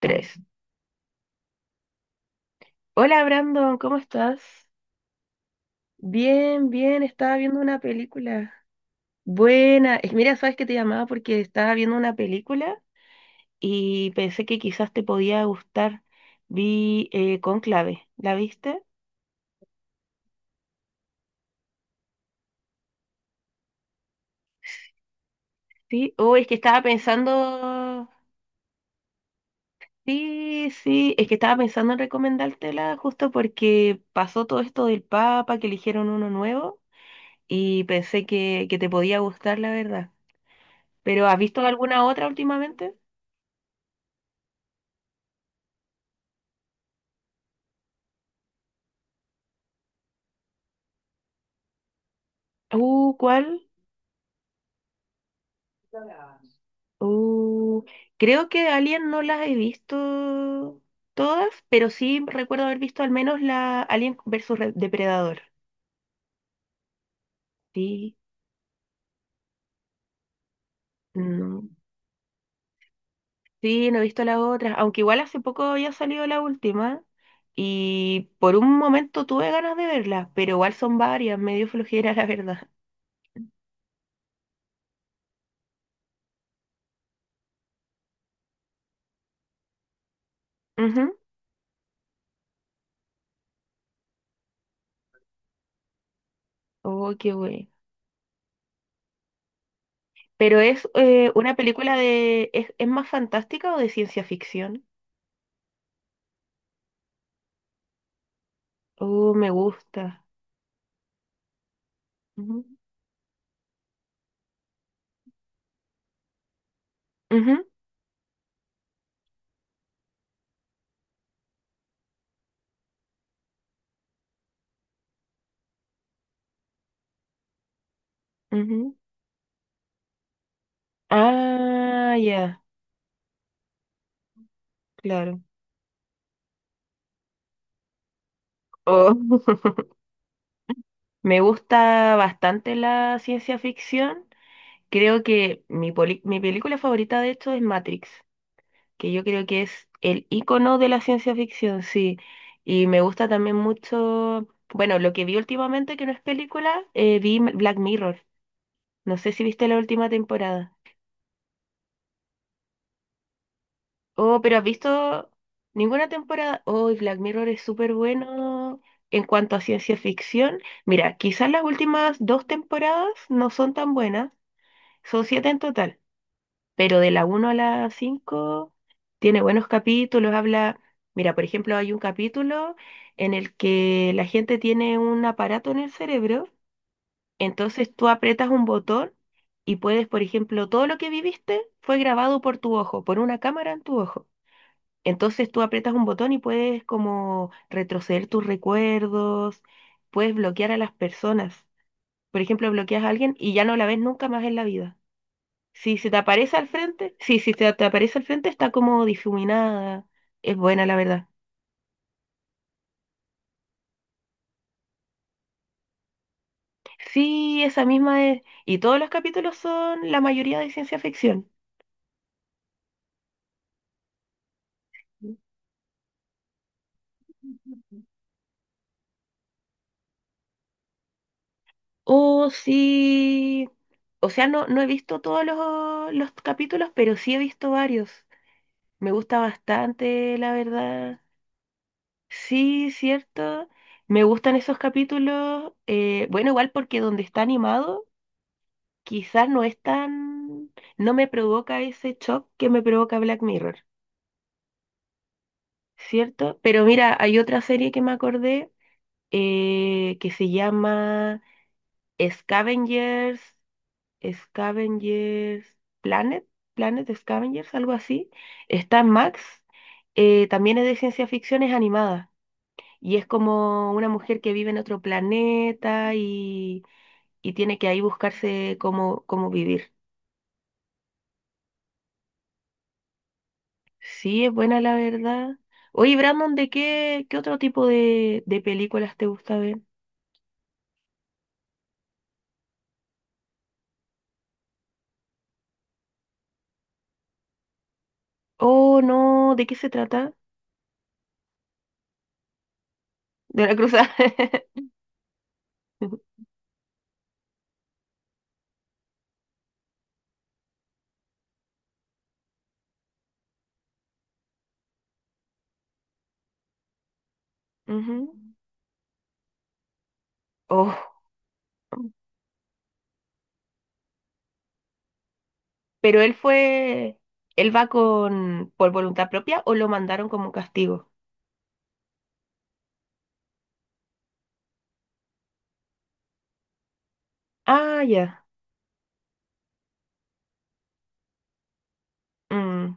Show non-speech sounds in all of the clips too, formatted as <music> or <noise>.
Tres. Hola Brandon, ¿cómo estás? Bien, bien, estaba viendo una película. Buena. Mira, sabes que te llamaba porque estaba viendo una película y pensé que quizás te podía gustar. Vi Cónclave, ¿la viste? Sí. Oh, es que estaba pensando. Sí, sí, es que estaba pensando en recomendártela justo porque pasó todo esto del Papa, que eligieron uno nuevo y pensé que te podía gustar, la verdad. ¿Pero has visto alguna otra últimamente? ¿Cuál? Uh, creo que Alien no las he visto todas, pero sí recuerdo haber visto al menos la Alien versus Depredador. Sí, no, sí, no he visto las otras, aunque igual hace poco había salido la última y por un momento tuve ganas de verlas, pero igual son varias, medio flojera <laughs> la verdad. Ujú. Oh, qué bueno. Pero es una película de ¿Es más fantástica o de ciencia ficción? Oh, me gusta. Ujú, ujú. Ah, ya, claro. Oh. <laughs> Me gusta bastante la ciencia ficción. Creo que mi película favorita de hecho es Matrix, que yo creo que es el icono de la ciencia ficción, sí. Y me gusta también mucho, bueno, lo que vi últimamente que no es película, vi Black Mirror. No sé si viste la última temporada. Oh, pero ¿has visto ninguna temporada? Oh, y Black Mirror es súper bueno en cuanto a ciencia ficción. Mira, quizás las últimas dos temporadas no son tan buenas, son siete en total, pero de la uno a la 5 tiene buenos capítulos, habla. Mira, por ejemplo, hay un capítulo en el que la gente tiene un aparato en el cerebro, entonces tú aprietas un botón y puedes, por ejemplo, todo lo que viviste fue grabado por tu ojo, por una cámara en tu ojo. Entonces tú aprietas un botón y puedes como retroceder tus recuerdos, puedes bloquear a las personas. Por ejemplo, bloqueas a alguien y ya no la ves nunca más en la vida. Si se te aparece al frente, sí, si se te aparece al frente está como difuminada. Es buena, la verdad. Sí, esa misma es. Y todos los capítulos son la mayoría de ciencia ficción. Oh, sí. O sea, no, no he visto todos los capítulos, pero sí he visto varios. Me gusta bastante, la verdad. Sí, cierto. Me gustan esos capítulos. Bueno, igual porque donde está animado, quizás no es tan. No me provoca ese shock que me provoca Black Mirror, ¿cierto? Pero mira, hay otra serie que me acordé que se llama Scavengers, Scavengers Planet, Planet Scavengers, algo así. Está en Max. También es de ciencia ficción, es animada. Y es como una mujer que vive en otro planeta y tiene que ahí buscarse cómo vivir. Sí, es buena la verdad. Oye, Brandon, ¿de qué otro tipo de películas te gusta ver? Oh, no, ¿de qué se trata? De la cruzada. <laughs> Ujú. Oh, pero él va con, por voluntad propia o lo mandaron como castigo. Ah, ya. Mm,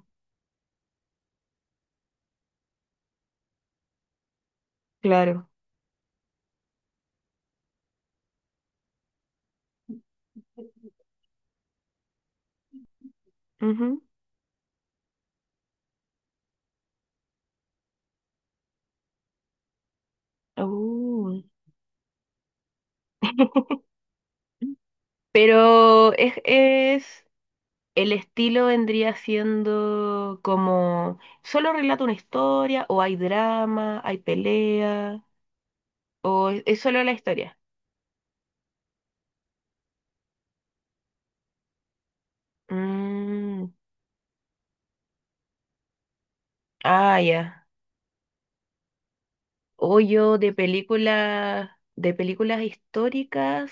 claro. Ujú. Uh. <laughs> Pero el estilo vendría siendo como, ¿solo relata una historia o hay drama, hay pelea o es solo la historia? Mm, ah, ya. O yo de películas, históricas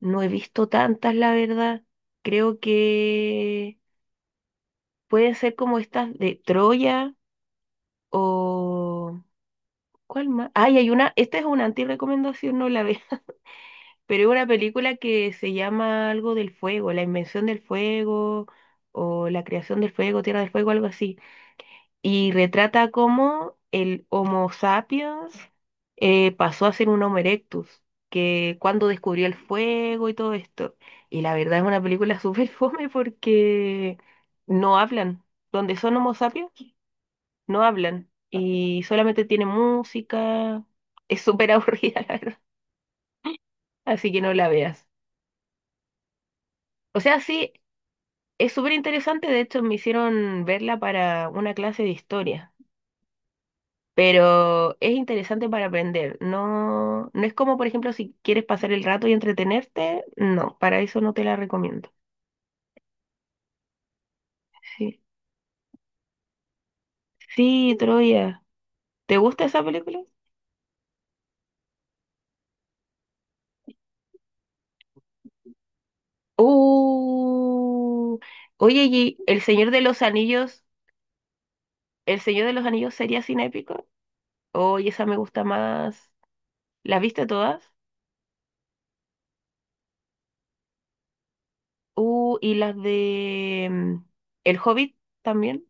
no he visto tantas, la verdad. Creo que pueden ser como estas de Troya o. ¿Cuál más? Ay, hay una, esta es una anti-recomendación, no la veo. Pero es una película que se llama algo del fuego, la invención del fuego o la creación del fuego, tierra del fuego, algo así. Y retrata cómo el Homo sapiens pasó a ser un Homo erectus, que cuando descubrió el fuego y todo esto. Y la verdad es una película <laughs> súper fome porque no hablan. Donde son Homo sapiens, no hablan. Y solamente tiene música. Es súper aburrida, <laughs> la verdad. Así que no la veas. O sea, sí. Es súper interesante, de hecho me hicieron verla para una clase de historia, pero es interesante para aprender. No, no es como, por ejemplo, si quieres pasar el rato y entretenerte, no, para eso no te la recomiendo. Sí, sí, Troya. ¿Te gusta esa película? Uh, oye, ¿y El Señor de los Anillos, El Señor de los Anillos sería cinépico? Oye, esa me gusta más. ¿Las viste todas? Y las de El Hobbit también.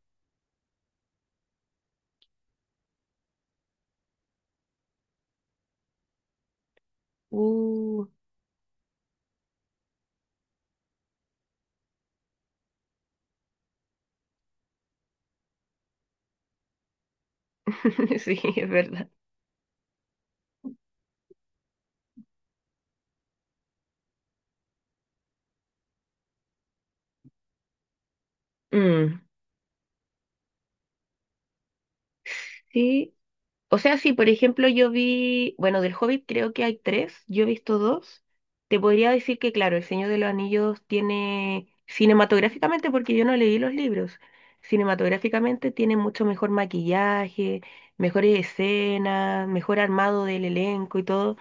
Uh, <laughs> sí, es verdad. Mm, sí. O sea, sí. Por ejemplo yo vi, bueno, del Hobbit creo que hay tres, yo he visto dos. Te podría decir que, claro, El Señor de los Anillos tiene, cinematográficamente, porque yo no leí los libros, cinematográficamente tiene mucho mejor maquillaje, mejores escenas, mejor armado del elenco y todo.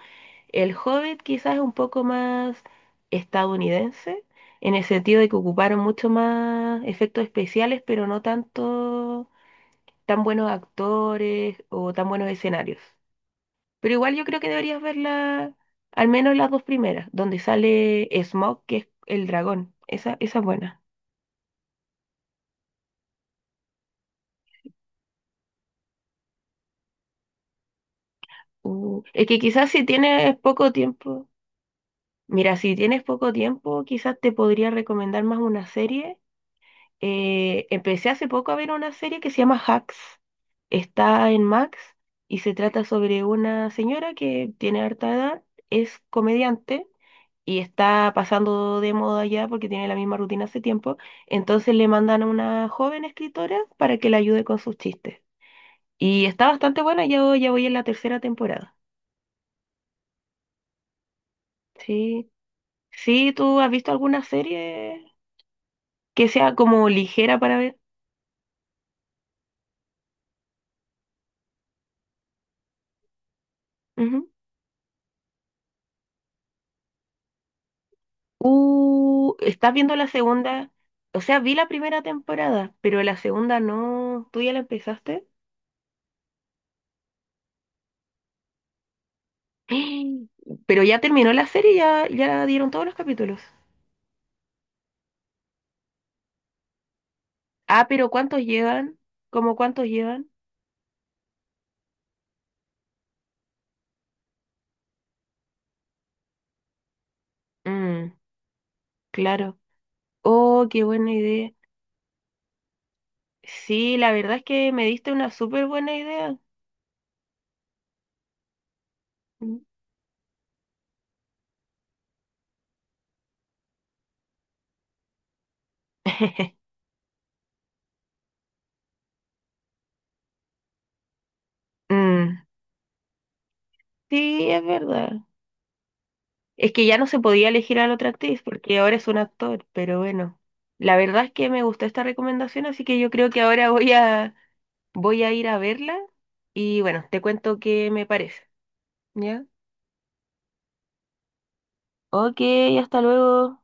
El Hobbit quizás es un poco más estadounidense, en el sentido de que ocuparon mucho más efectos especiales, pero no tanto tan buenos actores o tan buenos escenarios. Pero igual yo creo que deberías ver la, al menos las dos primeras, donde sale Smoke, que es el dragón. Esa es buena. Es que quizás si tienes poco tiempo, mira, si tienes poco tiempo, quizás te podría recomendar más una serie. Empecé hace poco a ver una serie que se llama Hacks. Está en Max y se trata sobre una señora que tiene harta edad, es comediante y está pasando de moda ya porque tiene la misma rutina hace tiempo. Entonces le mandan a una joven escritora para que la ayude con sus chistes. Y está bastante buena, yo ya voy en la tercera temporada. Sí. Sí, ¿tú has visto alguna serie que sea como ligera para ver? Ujú. ¿Estás viendo la segunda? O sea, vi la primera temporada, pero la segunda no. ¿Tú ya la empezaste? <gasps> Pero ya terminó la serie, ya, ya dieron todos los capítulos. Ah, pero ¿cuántos llevan? ¿Cómo cuántos llevan? Mm, claro. Oh, qué buena idea. Sí, la verdad es que me diste una súper buena idea. Mm. <laughs> Mm, sí, es verdad. Es que ya no se podía elegir a la otra actriz porque ahora es un actor, pero bueno. La verdad es que me gustó esta recomendación, así que yo creo que ahora voy a ir a verla y bueno, te cuento qué me parece. ¿Ya? Ok, hasta luego.